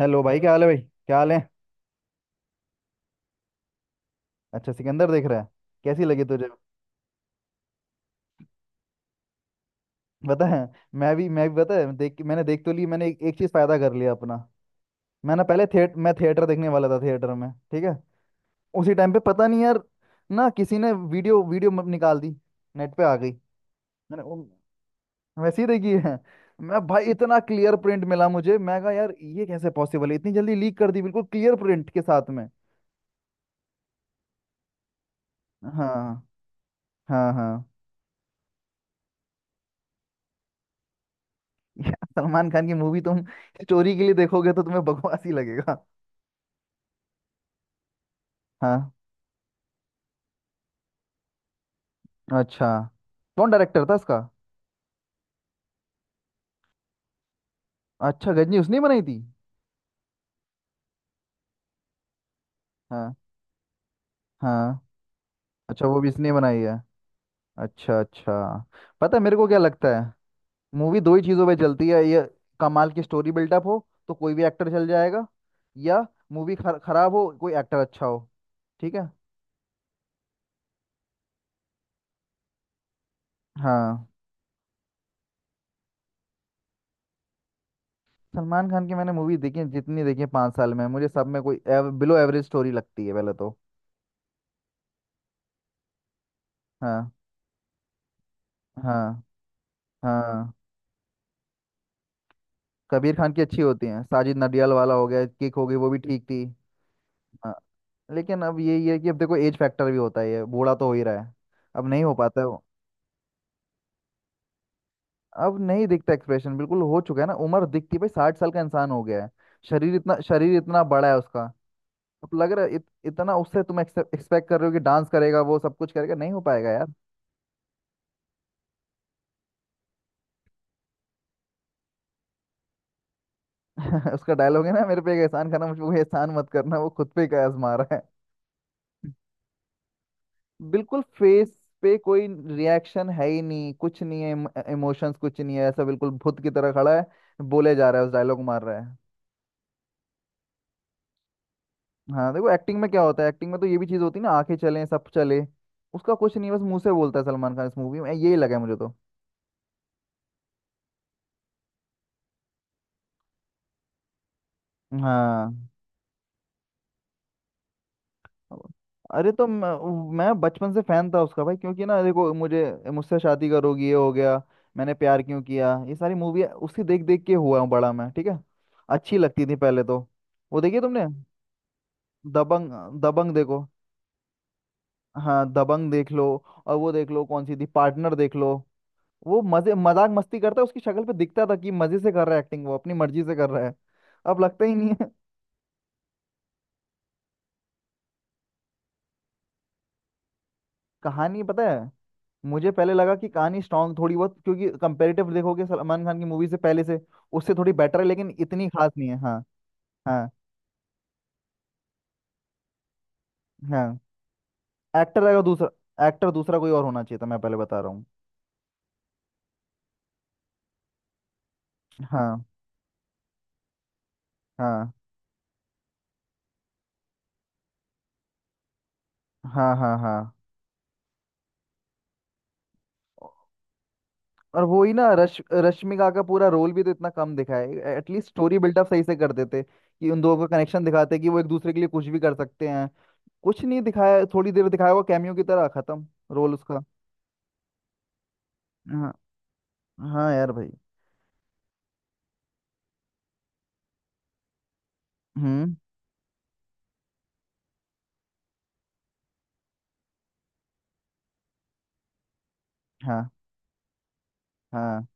Hello भाई, क्या हाल है? भाई, क्या हाल है? अच्छा, सिकंदर देख रहा है। कैसी लगी तुझे? पता है। मैं भी पता है, देख मैंने देख तो ली। मैंने एक चीज फायदा कर लिया अपना। मैं ना पहले थिएट मैं थिएटर देखने वाला था, थिएटर में, ठीक है। उसी टाइम पे पता नहीं यार, ना किसी ने वीडियो वीडियो म- निकाल दी, नेट पे आ गई। मैंने वो- वैसे ही देखी है। मैं भाई, इतना क्लियर प्रिंट मिला मुझे, मैं कहा यार ये कैसे पॉसिबल है इतनी जल्दी लीक कर दी बिल्कुल क्लियर प्रिंट के साथ में। हाँ। हाँ हाँ। यार सलमान खान की मूवी तुम स्टोरी के लिए देखोगे तो तुम्हें बकवास ही लगेगा। हाँ। अच्छा, कौन डायरेक्टर था इसका? अच्छा, गजनी उसने ही बनाई थी। हाँ। हाँ। अच्छा, वो भी इसने बनाई है। अच्छा अच्छा। पता है मेरे को क्या लगता है? मूवी दो ही चीज़ों पे चलती है ये। कमाल की स्टोरी बिल्डअप हो तो कोई भी एक्टर चल जाएगा, या मूवी खराब हो कोई एक्टर अच्छा हो। ठीक है। हाँ। सलमान खान की मैंने मूवी देखी है, जितनी देखी है 5 साल में, मुझे सब में कोई बिलो एवरेज स्टोरी लगती है पहले तो। हाँ। हाँ हाँ। कबीर खान की अच्छी होती हैं। साजिद नडियाल वाला हो गया, किक हो गई, वो भी ठीक थी। हाँ। लेकिन अब यही है कि, अब देखो, एज फैक्टर भी होता है, ये बूढ़ा तो हो ही रहा है। अब नहीं हो पाता है वो। अब नहीं दिखता एक्सप्रेशन, बिल्कुल हो चुका है ना, उम्र दिखती भाई, 60 साल का इंसान हो गया है। शरीर इतना, शरीर इतना बड़ा है उसका। अब लग रहा है इतना उससे तुम एक्सपेक्ट कर रहे हो कि डांस करेगा, वो सब कुछ करेगा, नहीं हो पाएगा यार। उसका डायलॉग है ना, मेरे पे एक एहसान करना, मुझ पे कोई एहसान मत करना, वो खुद पे एक आजमा रहा है। बिल्कुल फेस पे कोई रिएक्शन है ही नहीं, कुछ नहीं है, इमोशंस कुछ नहीं है, ऐसा बिल्कुल भूत की तरह खड़ा है, बोले जा रहा है, उस डायलॉग मार रहा है। हाँ देखो, एक्टिंग में क्या होता है, एक्टिंग में तो ये भी चीज़ होती है ना, आंखें चले, सब चले। उसका कुछ नहीं है, बस मुंह से बोलता है सलमान खान इस मूवी में, यही लगा है मुझे तो। हाँ। अरे तो मैं बचपन से फैन था उसका भाई, क्योंकि ना देखो मुझे, मुझसे शादी करोगी, ये हो गया, मैंने प्यार क्यों किया, ये सारी मूवी उसी देख देख के हुआ हूँ बड़ा मैं, ठीक है। अच्छी लगती थी पहले तो। वो देखिए तुमने दबंग, दबंग देखो। हाँ दबंग देख लो, और वो देख लो कौन सी थी, पार्टनर देख लो। वो मजे मजाक मस्ती करता है, उसकी शक्ल पे दिखता था कि मजे से कर रहा है एक्टिंग, वो अपनी मर्जी से कर रहा है। अब लगता ही नहीं है। कहानी पता है, मुझे पहले लगा कि कहानी स्ट्रांग थोड़ी बहुत, क्योंकि कंपेरेटिव देखोगे सलमान खान की मूवी से पहले से उससे थोड़ी बेटर है, लेकिन इतनी खास नहीं है। हाँ। हाँ हाँ। एक्टर अगर दूसरा, एक्टर दूसरा कोई और होना चाहिए था, मैं पहले बता रहा हूँ। हाँ। हाँ हाँ हाँ। हाँ। और वो ही ना, रश रश्मिका का पूरा रोल भी तो इतना कम दिखाया है, एटलीस्ट स्टोरी बिल्डअप सही से कर देते कि उन दोनों का कनेक्शन दिखाते, कि वो एक दूसरे के लिए कुछ भी कर सकते हैं। कुछ नहीं दिखाया, थोड़ी देर दिखाया हुआ, कैमियो की तरह खत्म रोल उसका। हाँ। हाँ यार भाई। हम्म। हाँ। हाँ।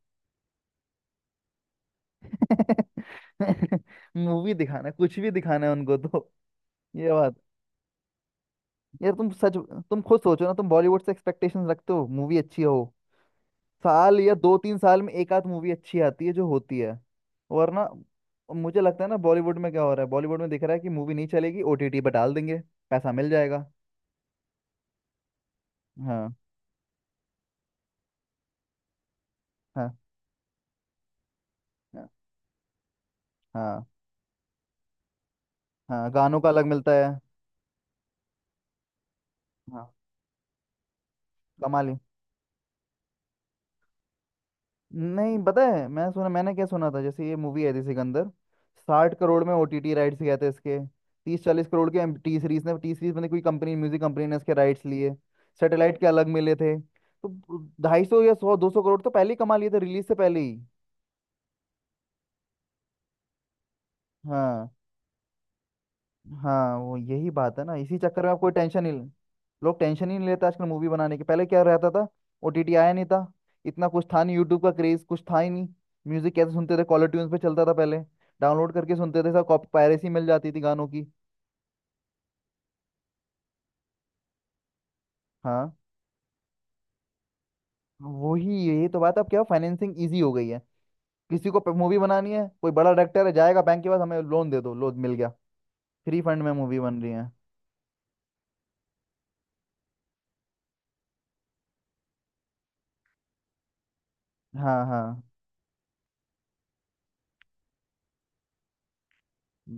मूवी दिखाना, कुछ भी दिखाना है उनको तो। ये बात, यार तुम सच, तुम खुद सोचो ना, तुम बॉलीवुड से एक्सपेक्टेशंस रखते हो मूवी अच्छी हो। साल या 2-3 साल में एक आध मूवी अच्छी आती है, जो होती है। वरना, मुझे लगता है ना, बॉलीवुड में क्या हो रहा है, बॉलीवुड में दिख रहा है कि मूवी नहीं चलेगी ओटीटी पर डाल देंगे, पैसा मिल जाएगा। हाँ। हाँ हाँ। हाँ हाँ गानों का अलग मिलता है। हाँ। कमाल ही। नहीं पता है, मैं सुना, मैंने क्या सुना था, जैसे ये मूवी आई थी सिकंदर, 60 करोड़ में ओटीटी राइट्स गए थे इसके, 30-40 करोड़ के, टी सीरीज ने, टी सीरीज में कोई कंपनी, म्यूजिक कंपनी ने इसके राइट्स लिए, सैटेलाइट के अलग मिले थे, तो 250 या 100-200 करोड़ तो पहले ही कमा लिए थे रिलीज से पहले ही। हाँ। हाँ वो यही बात है ना, इसी चक्कर में आप कोई टेंशन ही, लोग टेंशन ही नहीं लेते आजकल मूवी बनाने की, पहले क्या रहता था, ओटीटी आया नहीं था, इतना कुछ था नहीं, यूट्यूब का क्रेज कुछ था ही नहीं। म्यूजिक कैसे सुनते थे, कॉलर ट्यून्स पे चलता था पहले, डाउनलोड करके सुनते थे, सब कॉपी पायरेसी मिल जाती थी गानों की। हाँ वही, यही तो बात है, अब क्या फाइनेंसिंग इजी हो गई है। किसी को मूवी बनानी है, कोई बड़ा डायरेक्टर है, जाएगा बैंक के पास, हमें लोन दे दो, लोन मिल गया, फ्री फंड में मूवी बन रही है। हाँ हाँ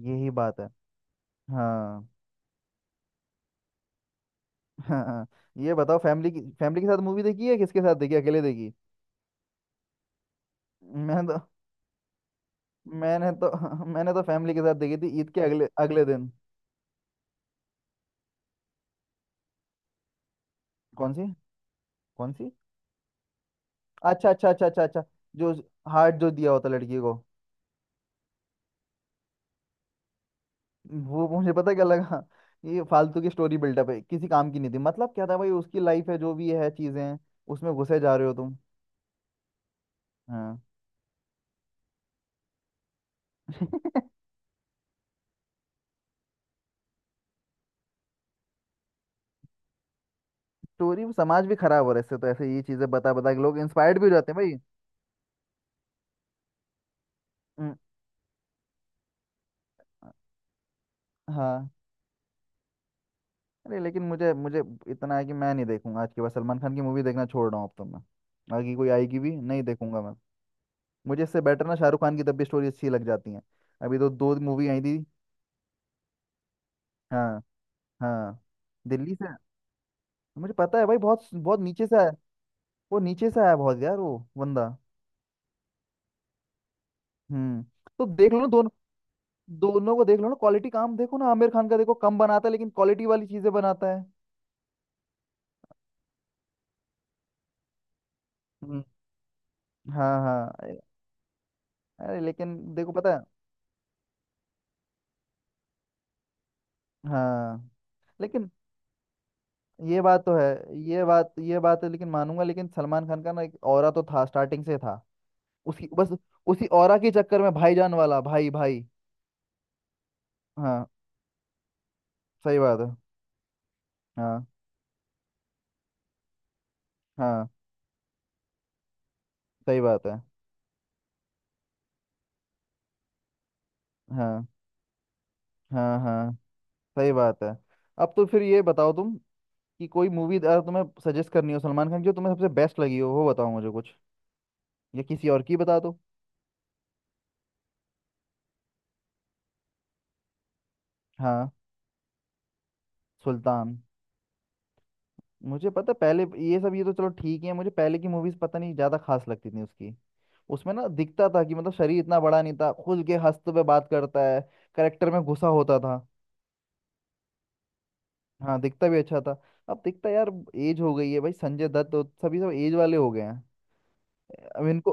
यही बात है। हाँ हाँ हाँ। ये बताओ फैमिली की, फैमिली के साथ मूवी देखी है, किसके साथ देखी, अकेले देखी? मैंने तो, मैंने तो मैंने तो फैमिली के साथ देखी थी, ईद के अगले अगले दिन। कौन सी? कौन सी? अच्छा अच्छा अच्छा अच्छा अच्छा। जो हार्ट जो दिया होता लड़की को, वो, मुझे पता क्या लगा, ये फालतू की स्टोरी बिल्डअप है, किसी काम की नहीं थी, मतलब क्या था भाई, उसकी लाइफ है जो भी है, चीजें हैं, उसमें घुसे जा रहे हो तुम। हाँ। स्टोरी, समाज भी खराब हो रहा है इससे तो, ऐसे ये चीजें बता बता के लोग इंस्पायर्ड भी हो जाते हैं भाई। हम्म। हाँ। अरे लेकिन मुझे, मुझे इतना है कि मैं नहीं देखूंगा आज के बाद, सलमान खान की मूवी देखना छोड़ रहा हूँ अब तो मैं, आगे कोई आएगी भी नहीं देखूंगा मैं। मुझे इससे बेटर ना शाहरुख खान की, तब भी स्टोरी अच्छी लग जाती है, अभी तो दो मूवी आई थी। हाँ। हाँ। दिल्ली से, मुझे पता है भाई, बहुत बहुत नीचे से आया, वो नीचे से आया बहुत यार वो बंदा। हम्म। तो देख लो ना दोनों, दोनों को देख लो ना, क्वालिटी काम देखो ना, आमिर खान का देखो, कम बनाता है लेकिन क्वालिटी वाली चीजें बनाता है। हम्म। हाँ हाँ। अरे, अरे लेकिन देखो पता है। हाँ लेकिन ये बात तो है, ये बात, ये बात है लेकिन, मानूंगा, लेकिन सलमान खान का ना एक ऑरा तो था स्टार्टिंग से था, उसी बस, उसी ऑरा के चक्कर में भाईजान वाला, भाई भाई। हाँ सही बात है। हाँ हाँ सही बात है। हाँ हाँ हाँ सही बात है। अब तो फिर ये बताओ तुम कि कोई मूवी अगर तुम्हें सजेस्ट करनी हो सलमान खान की, जो तुम्हें सबसे बेस्ट लगी हो वो बताओ मुझे कुछ, या किसी और की बता दो। हाँ सुल्तान, मुझे पता, पहले ये सब, ये तो चलो ठीक है, मुझे पहले की मूवीज पता नहीं, ज्यादा खास लगती थी उसकी, उसमें ना दिखता था कि मतलब शरीर इतना बड़ा नहीं था, खुल के हंसते हुए बात करता है, करेक्टर में घुसा होता था। हाँ दिखता भी अच्छा था। अब दिखता यार, एज हो गई है भाई, संजय दत्त तो सभी, सब एज वाले हो गए हैं। अब इनको,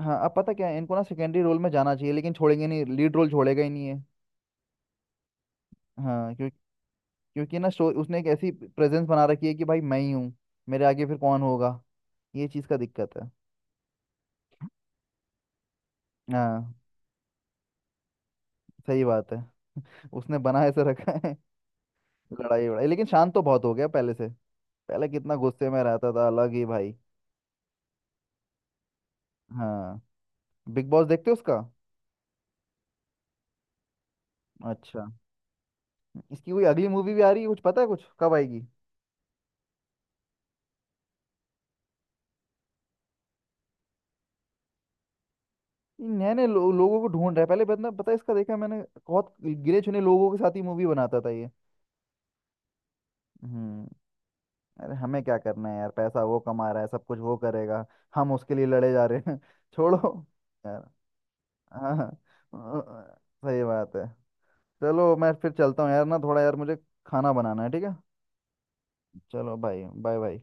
हाँ अब पता क्या है, इनको ना सेकेंडरी रोल में जाना चाहिए, लेकिन छोड़ेंगे नहीं, लीड रोल छोड़ेगा ही नहीं है। हाँ क्योंकि, क्योंकि ना शो, उसने एक ऐसी प्रेजेंस बना रखी है कि भाई मैं ही हूँ, मेरे आगे फिर कौन होगा, ये चीज़ का दिक्कत है। हाँ सही बात है, उसने बना ऐसे रखा है। लड़ाई वड़ाई, लेकिन शांत तो बहुत हो गया पहले से, पहले कितना गुस्से में रहता था, अलग ही भाई। हाँ। बिग बॉस देखते हो उसका? अच्छा। इसकी कोई अगली मूवी भी आ रही है कुछ पता है, कुछ कब आएगी? ये नए नए लोगों को ढूंढ रहा है, पहले बंदा पता है इसका, देखा मैंने, बहुत गिने चुने लोगों के साथ ही मूवी बनाता था ये। हम्म। अरे हमें क्या करना है यार, पैसा वो कमा रहा है, सब कुछ वो करेगा, हम उसके लिए लड़े जा रहे हैं। छोड़ो यार। हाँ। अ, सही बात है। चलो मैं फिर चलता हूँ यार, ना थोड़ा यार मुझे खाना बनाना है, ठीक है? चलो भाई, बाय बाय।